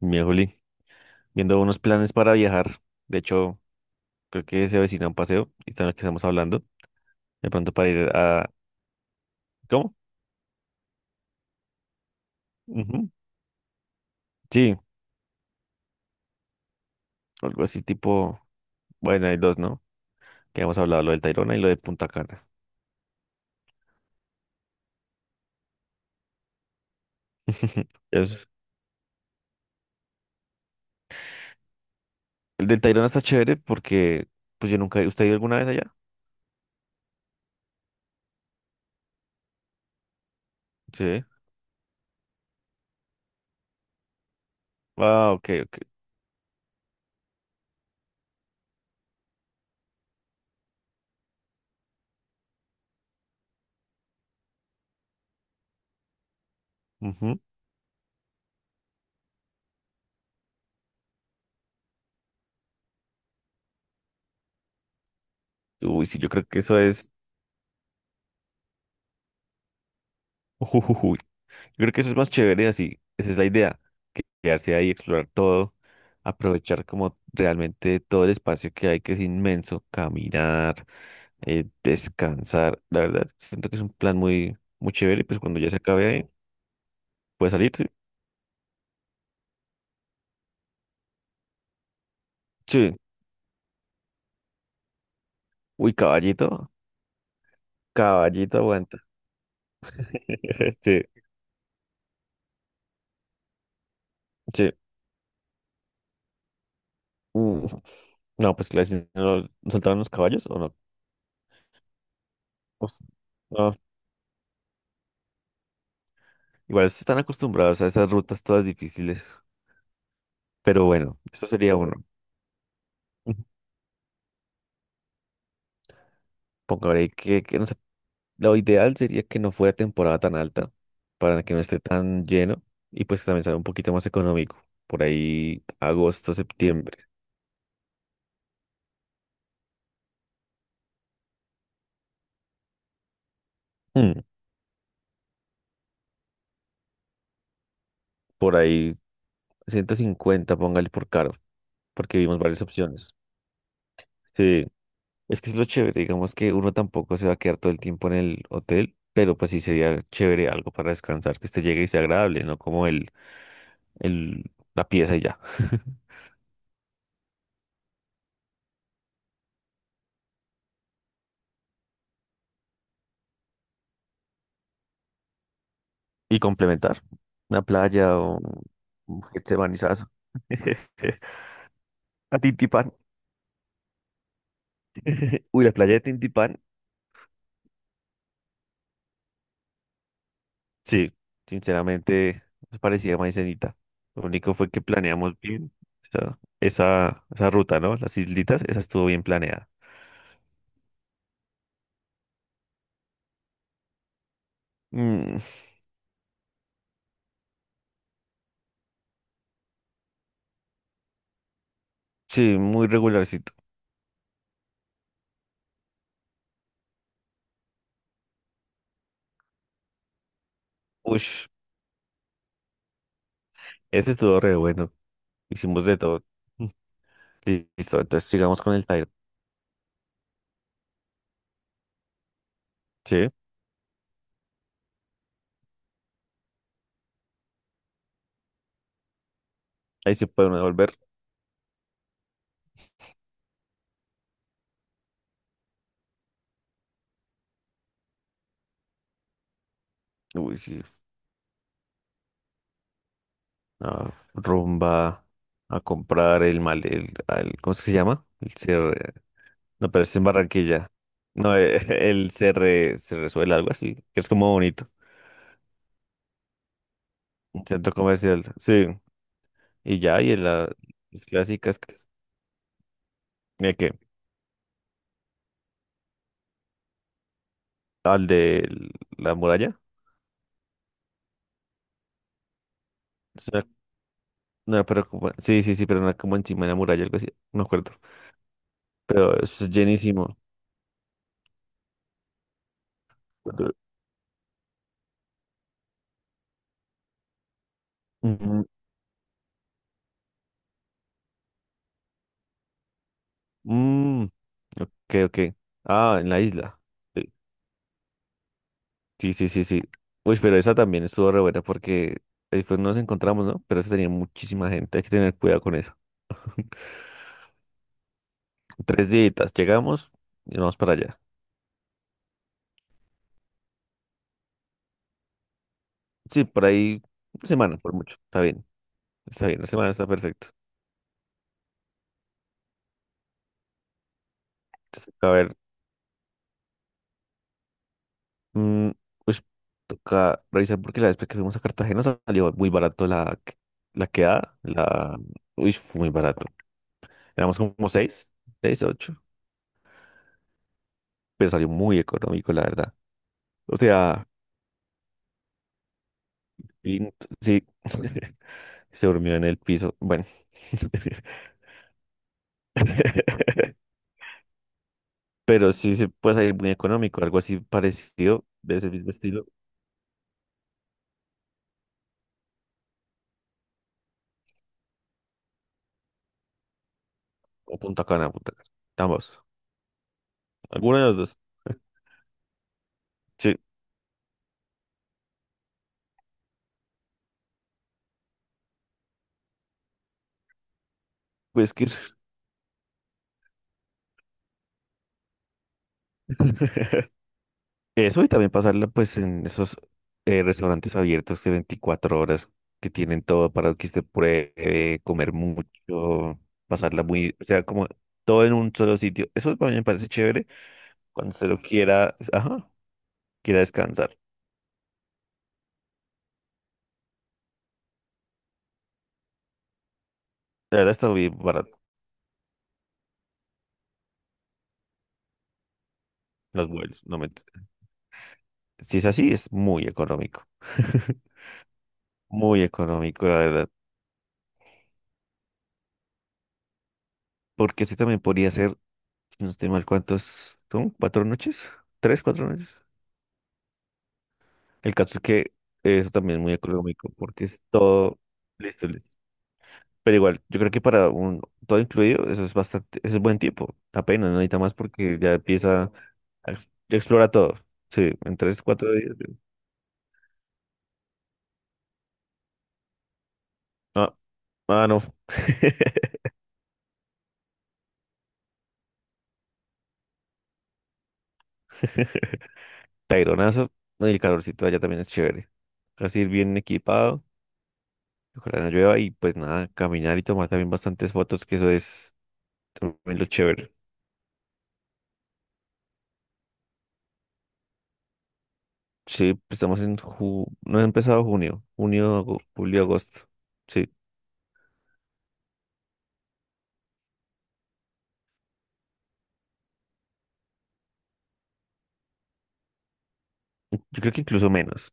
Mi Juli, viendo unos planes para viajar. De hecho, creo que se avecina un paseo y está en lo que estamos hablando. De pronto para ir a... ¿Cómo? Ujú. Sí, algo así tipo... Bueno, hay dos, ¿no? Que hemos hablado, lo del Tayrona y lo de Punta Cana. Es- El del Tayrona está chévere porque... Pues yo nunca... ¿Usted ha ido alguna vez allá? Sí. Ah, ok, ok. Ujú. Uy, sí, yo creo que eso es... Yo creo que eso es más chévere así, esa es la idea, que quedarse ahí, explorar todo, aprovechar como realmente todo el espacio que hay, que es inmenso, caminar, descansar, la verdad, siento que es un plan muy, muy chévere y pues cuando ya se acabe ahí, puede salir, sí, sí, uy, caballito, caballito aguanta, sí, sí, Mm. No, pues claro, si no no soltaban los caballos o no. Uf, no, igual están acostumbrados a esas rutas todas difíciles, pero bueno, eso sería uno. Pongámosle que no sé, lo ideal sería que no fuera temporada tan alta para que no esté tan lleno y pues también sea un poquito más económico. Por ahí agosto, septiembre. Mm, por ahí 150 póngale por caro, porque vimos varias opciones. Sí, es que es lo chévere, digamos que uno tampoco se va a quedar todo el tiempo en el hotel, pero pues sí sería chévere algo para descansar, que este llegue y sea agradable, no como el, la pieza y ya. Y complementar una playa o un Getsemanízazo. A Tintipán. Uy, la playa de Tintipán. Sí, sinceramente nos parecía maicenita. Lo único fue que planeamos bien o esa ruta, ¿no? Las islitas, esa estuvo bien planeada. Mm, sí, muy regularcito. Uy, ese estuvo re bueno. Hicimos de todo. Mm. Listo, entonces sigamos con el Tairo. Sí, ahí se puede uno volver. Uy, sí, a rumba, a comprar el mal, ¿cómo es que se llama? El CR, no, pero es en Barranquilla. No, el CR, se resuelve algo así, que es como bonito. Un centro comercial, sí. Y ya, y en las clásicas, mira que, al de la muralla. es una- no, pero sí, sí, sí, pero una como encima de la muralla, algo así, no me acuerdo. Pero es llenísimo. Ujú. Mm, mm, ok, ok. Ah, en la isla. Sí. Sí, sí, sí, sí. Uy, pero esa también estuvo re buena porque después nos encontramos, ¿no? Pero eso tenía muchísima gente, hay que tener cuidado con eso. 3 días, llegamos y vamos para allá. Sí, por ahí, una semana, por mucho. Está bien, una semana está perfecto. Entonces, a ver, mm, pues toca revisar porque la vez que fuimos a Cartagena salió muy barato la quedada, la... Uy, fue muy barato. Éramos como seis, seis, ocho, pero salió muy económico, la verdad. O sea, y- sí. Se durmió en el piso. Bueno. Pero sí, se puede salir muy económico, algo así parecido, de ese mismo estilo. O Punta Cana, Punta Cana. Ambos. Alguna de las dos. Sí, pues que eso. Eso y también pasarla pues en esos restaurantes abiertos de 24 horas que tienen todo para que usted pruebe, comer mucho, pasarla muy, o sea, como todo en un solo sitio. Eso para mí me parece chévere cuando se lo quiera, ajá, quiera descansar. La verdad está bien barato. Los vuelos, no me... Si es así, es muy económico. Muy económico, la verdad. Porque ese también podría ser, si no estoy mal, ¿cuántos son? ¿4 noches? ¿3, 4 noches? El caso es que eso también es muy económico porque es todo listo, listo. Pero igual, yo creo que para un todo incluido, eso es bastante, eso es buen tiempo. Apenas, no necesita más porque ya empieza a explora todo. Sí, en 3, 4 días. Ah, ah, no. Taironazo, ¿no? Y el calorcito allá también es chévere. Así ir bien equipado, ojalá no llueva y pues nada, caminar y tomar también bastantes fotos, que eso es también lo chévere. Sí, pues estamos en ju no ha empezado junio, julio, agosto. Sí, yo creo que incluso menos.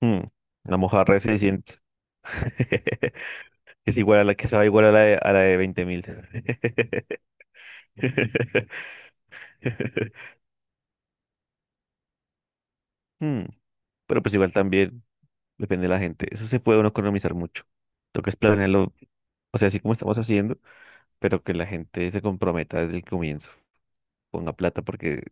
Mm, La mojarra de 600 es igual a la que se va igual a la de 20.000. Mm, pero pues igual también depende de la gente. Eso se puede uno economizar mucho. Toca es planearlo. O sea, así como estamos haciendo, pero que la gente se comprometa desde el comienzo, ponga plata, porque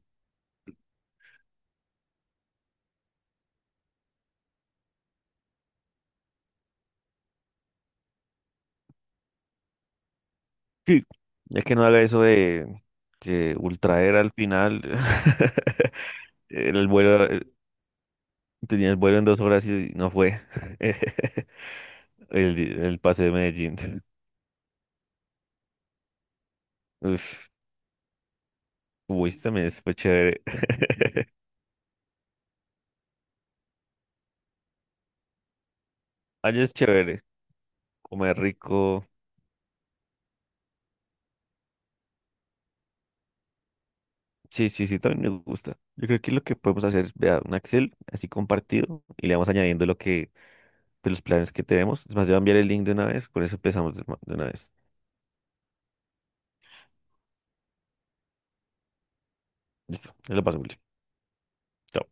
sí, ya que no haga eso de que Ultraer al final, el vuelo, tenía el vuelo en 2 horas y no fue el pase de Medellín. Uf, Wish también fue chévere. Allá es chévere, comer rico. Sí, sí, sí, también me gusta. Yo creo que lo que podemos hacer es, vea, un Excel así compartido y le vamos añadiendo lo que de los planes que tenemos. Es más, te voy a enviar el link de una vez, con eso empezamos de una vez. Listo, te lo paso, Willy. Chao.